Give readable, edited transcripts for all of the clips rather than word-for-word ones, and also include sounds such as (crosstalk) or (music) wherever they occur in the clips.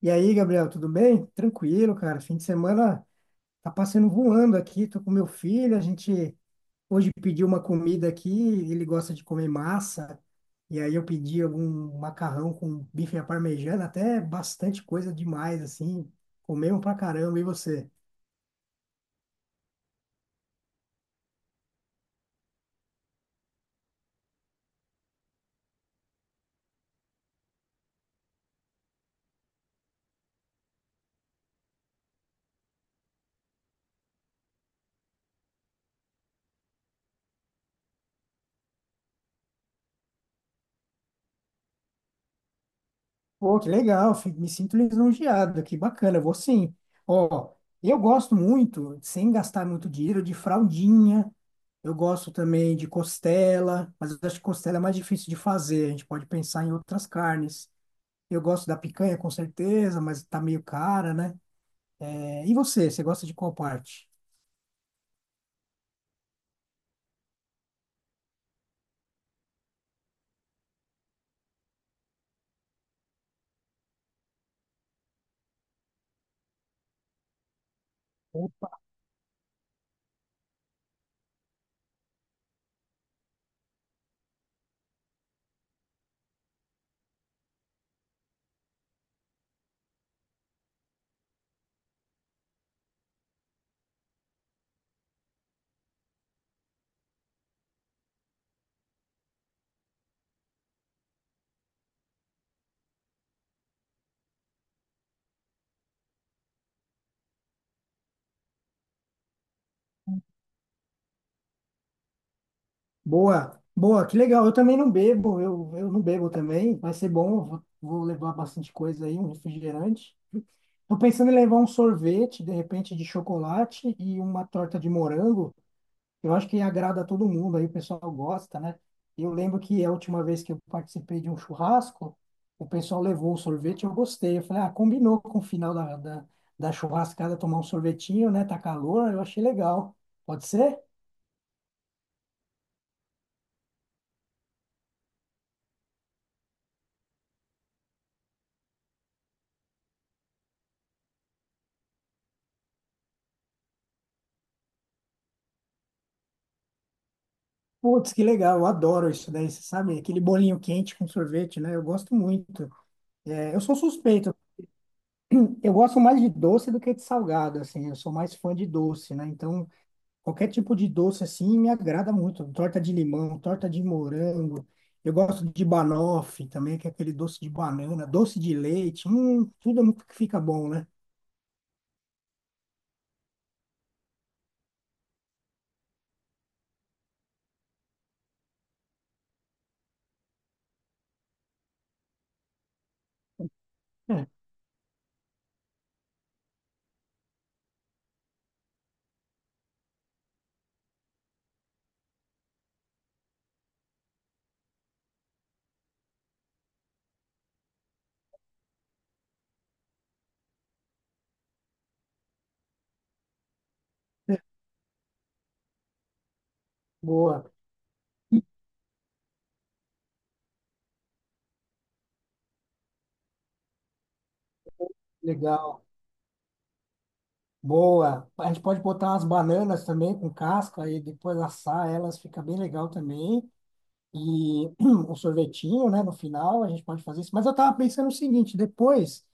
E aí, Gabriel, tudo bem? Tranquilo, cara. Fim de semana tá passando voando aqui. Tô com meu filho. A gente hoje pediu uma comida aqui. Ele gosta de comer massa. E aí eu pedi algum macarrão com bife à parmegiana, até bastante coisa demais, assim. Comemos pra caramba. E você? Pô, que legal, me sinto lisonjeado, que bacana, eu vou sim. Ó, eu gosto muito, sem gastar muito dinheiro, de fraldinha, eu gosto também de costela, mas eu acho que costela é mais difícil de fazer, a gente pode pensar em outras carnes. Eu gosto da picanha, com certeza, mas tá meio cara, né? É, e você gosta de qual parte? Boa, boa, que legal, eu também não bebo, eu não bebo também, vai ser bom, eu vou levar bastante coisa aí, um refrigerante. Tô pensando em levar um sorvete, de repente, de chocolate e uma torta de morango. Eu acho que agrada a todo mundo, aí o pessoal gosta, né? Eu lembro que a última vez que eu participei de um churrasco, o pessoal levou um sorvete, eu gostei. Eu falei, ah, combinou com o final da churrascada tomar um sorvetinho, né? Tá calor, eu achei legal. Pode ser? Putz, que legal, eu adoro isso daí, você sabe? Aquele bolinho quente com sorvete, né? Eu gosto muito. É, eu sou suspeito. Eu gosto mais de doce do que de salgado, assim. Eu sou mais fã de doce, né? Então, qualquer tipo de doce, assim, me agrada muito. Torta de limão, torta de morango. Eu gosto de banoffee também, que é aquele doce de banana, doce de leite. Tudo é muito que fica bom, né? É, boa, legal, boa. A gente pode botar umas bananas também com casca e depois assar elas, fica bem legal também. E (clears throat) um sorvetinho, né, no final, a gente pode fazer isso. Mas eu tava pensando o seguinte, depois.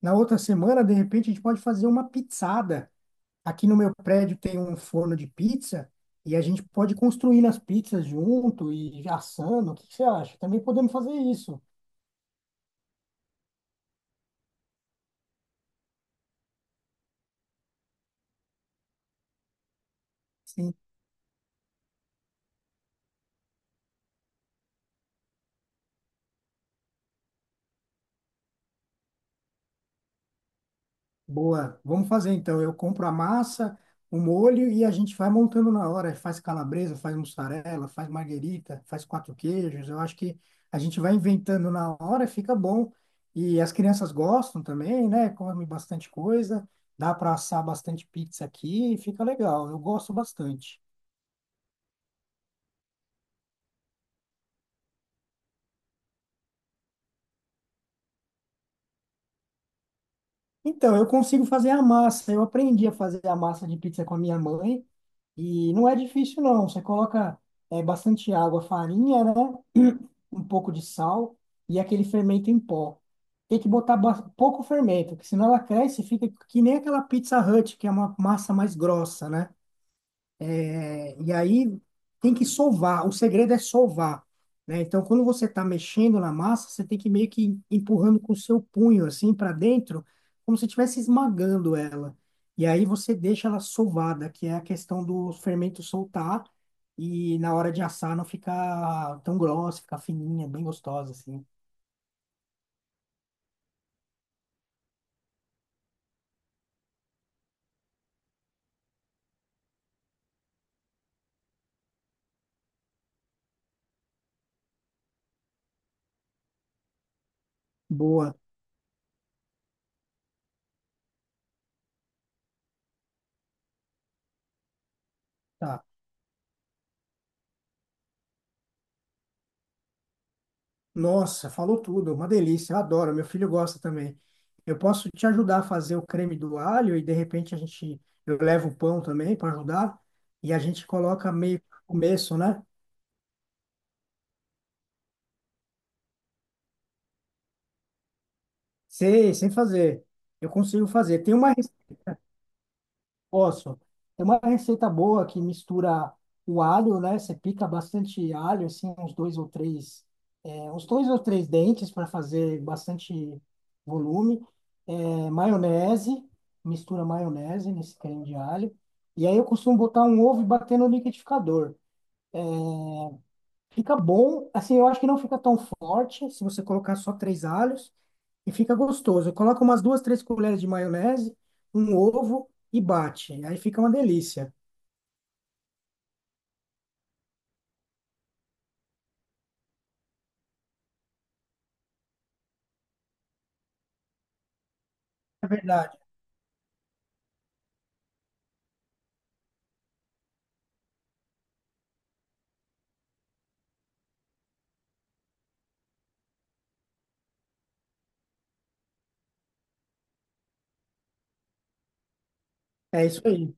Na outra semana, de repente, a gente pode fazer uma pizzada. Aqui no meu prédio tem um forno de pizza e a gente pode construir as pizzas junto e assando. O que que você acha? Também podemos fazer isso. E Boa, vamos fazer então. Eu compro a massa, o molho e a gente vai montando na hora. Faz calabresa, faz mussarela, faz marguerita, faz quatro queijos. Eu acho que a gente vai inventando na hora, fica bom. E as crianças gostam também, né? Comem bastante coisa, dá para assar bastante pizza aqui, e fica legal. Eu gosto bastante. Então, eu consigo fazer a massa. Eu aprendi a fazer a massa de pizza com a minha mãe e não é difícil, não. Você coloca bastante água, farinha, né? (clears throat) Um pouco de sal e aquele fermento em pó. Tem que botar pouco fermento, porque senão ela cresce e fica que nem aquela Pizza Hut, que é uma massa mais grossa, né? E aí tem que sovar, o segredo é sovar, né? Então, quando você está mexendo na massa, você tem que meio que empurrando com o seu punho assim para dentro, como se estivesse esmagando ela. E aí você deixa ela sovada, que é a questão do fermento soltar e na hora de assar não ficar tão grossa, ficar fininha, bem gostosa assim. Boa. Tá. Nossa, falou tudo, uma delícia, eu adoro, meu filho gosta também. Eu posso te ajudar a fazer o creme do alho e de repente a gente, eu levo o pão também para ajudar e a gente coloca meio que no começo, né? Sei, sem fazer. Eu consigo fazer. Tem uma Posso. É uma receita boa que mistura o alho, né? Você pica bastante alho, assim, uns dois ou três, uns dois ou três dentes para fazer bastante volume. É, maionese, mistura maionese nesse creme de alho. E aí eu costumo botar um ovo e bater no liquidificador. Fica bom, assim, eu acho que não fica tão forte se você colocar só três alhos e fica gostoso. Coloca umas duas, três colheres de maionese, um ovo e bate. Aí fica uma delícia. É verdade. É isso aí,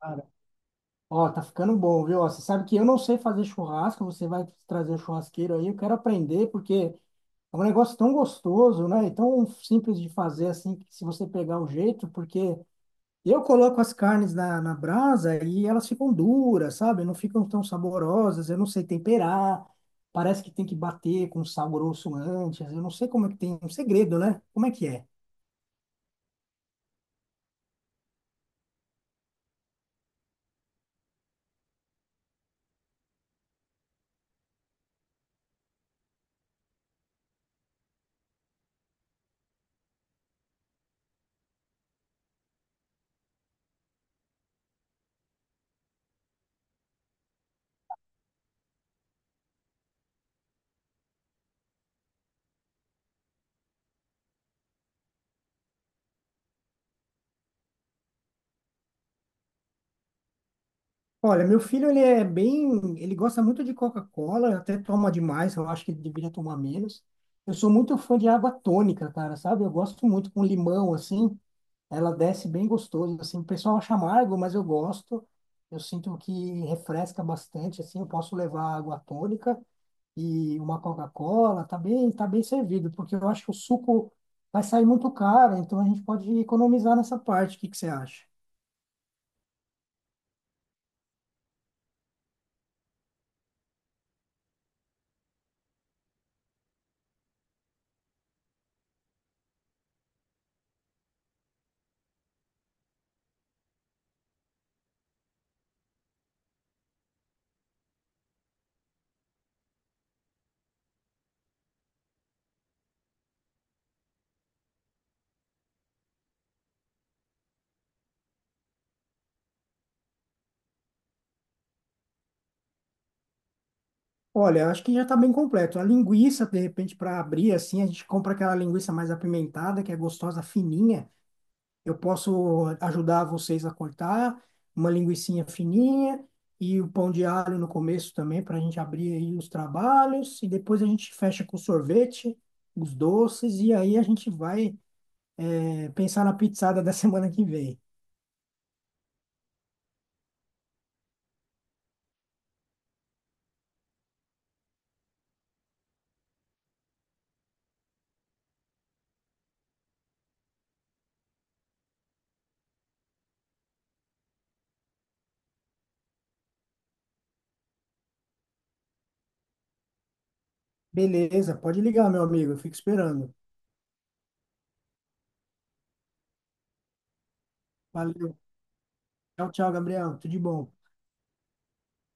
cara. Ó, tá ficando bom, viu? Ó, você sabe que eu não sei fazer churrasco, você vai trazer o churrasqueiro aí, eu quero aprender, porque é um negócio tão gostoso, né? E tão simples de fazer assim, que se você pegar o jeito, porque eu coloco as carnes na brasa e elas ficam duras, sabe? Não ficam tão saborosas, eu não sei temperar, parece que tem que bater com sal grosso antes, eu não sei como é que tem, um segredo, né? Como é que é? Olha, meu filho, ele é bem, ele gosta muito de Coca-Cola, até toma demais, eu acho que ele deveria tomar menos. Eu sou muito fã de água tônica, cara, sabe? Eu gosto muito com limão, assim, ela desce bem gostoso, assim, o pessoal acha amargo, mas eu gosto. Eu sinto que refresca bastante, assim, eu posso levar água tônica e uma Coca-Cola, tá bem servido, porque eu acho que o suco vai sair muito caro, então a gente pode economizar nessa parte, o que que você acha? Olha, acho que já está bem completo. A linguiça, de repente, para abrir assim, a gente compra aquela linguiça mais apimentada, que é gostosa, fininha. Eu posso ajudar vocês a cortar uma linguicinha fininha e o pão de alho no começo também, para a gente abrir aí os trabalhos. E depois a gente fecha com sorvete, os doces, e aí a gente vai, pensar na pizzada da (laughs) semana que vem. Beleza, pode ligar, meu amigo. Eu fico esperando. Valeu. Tchau, tchau, Gabriel. Tudo de bom.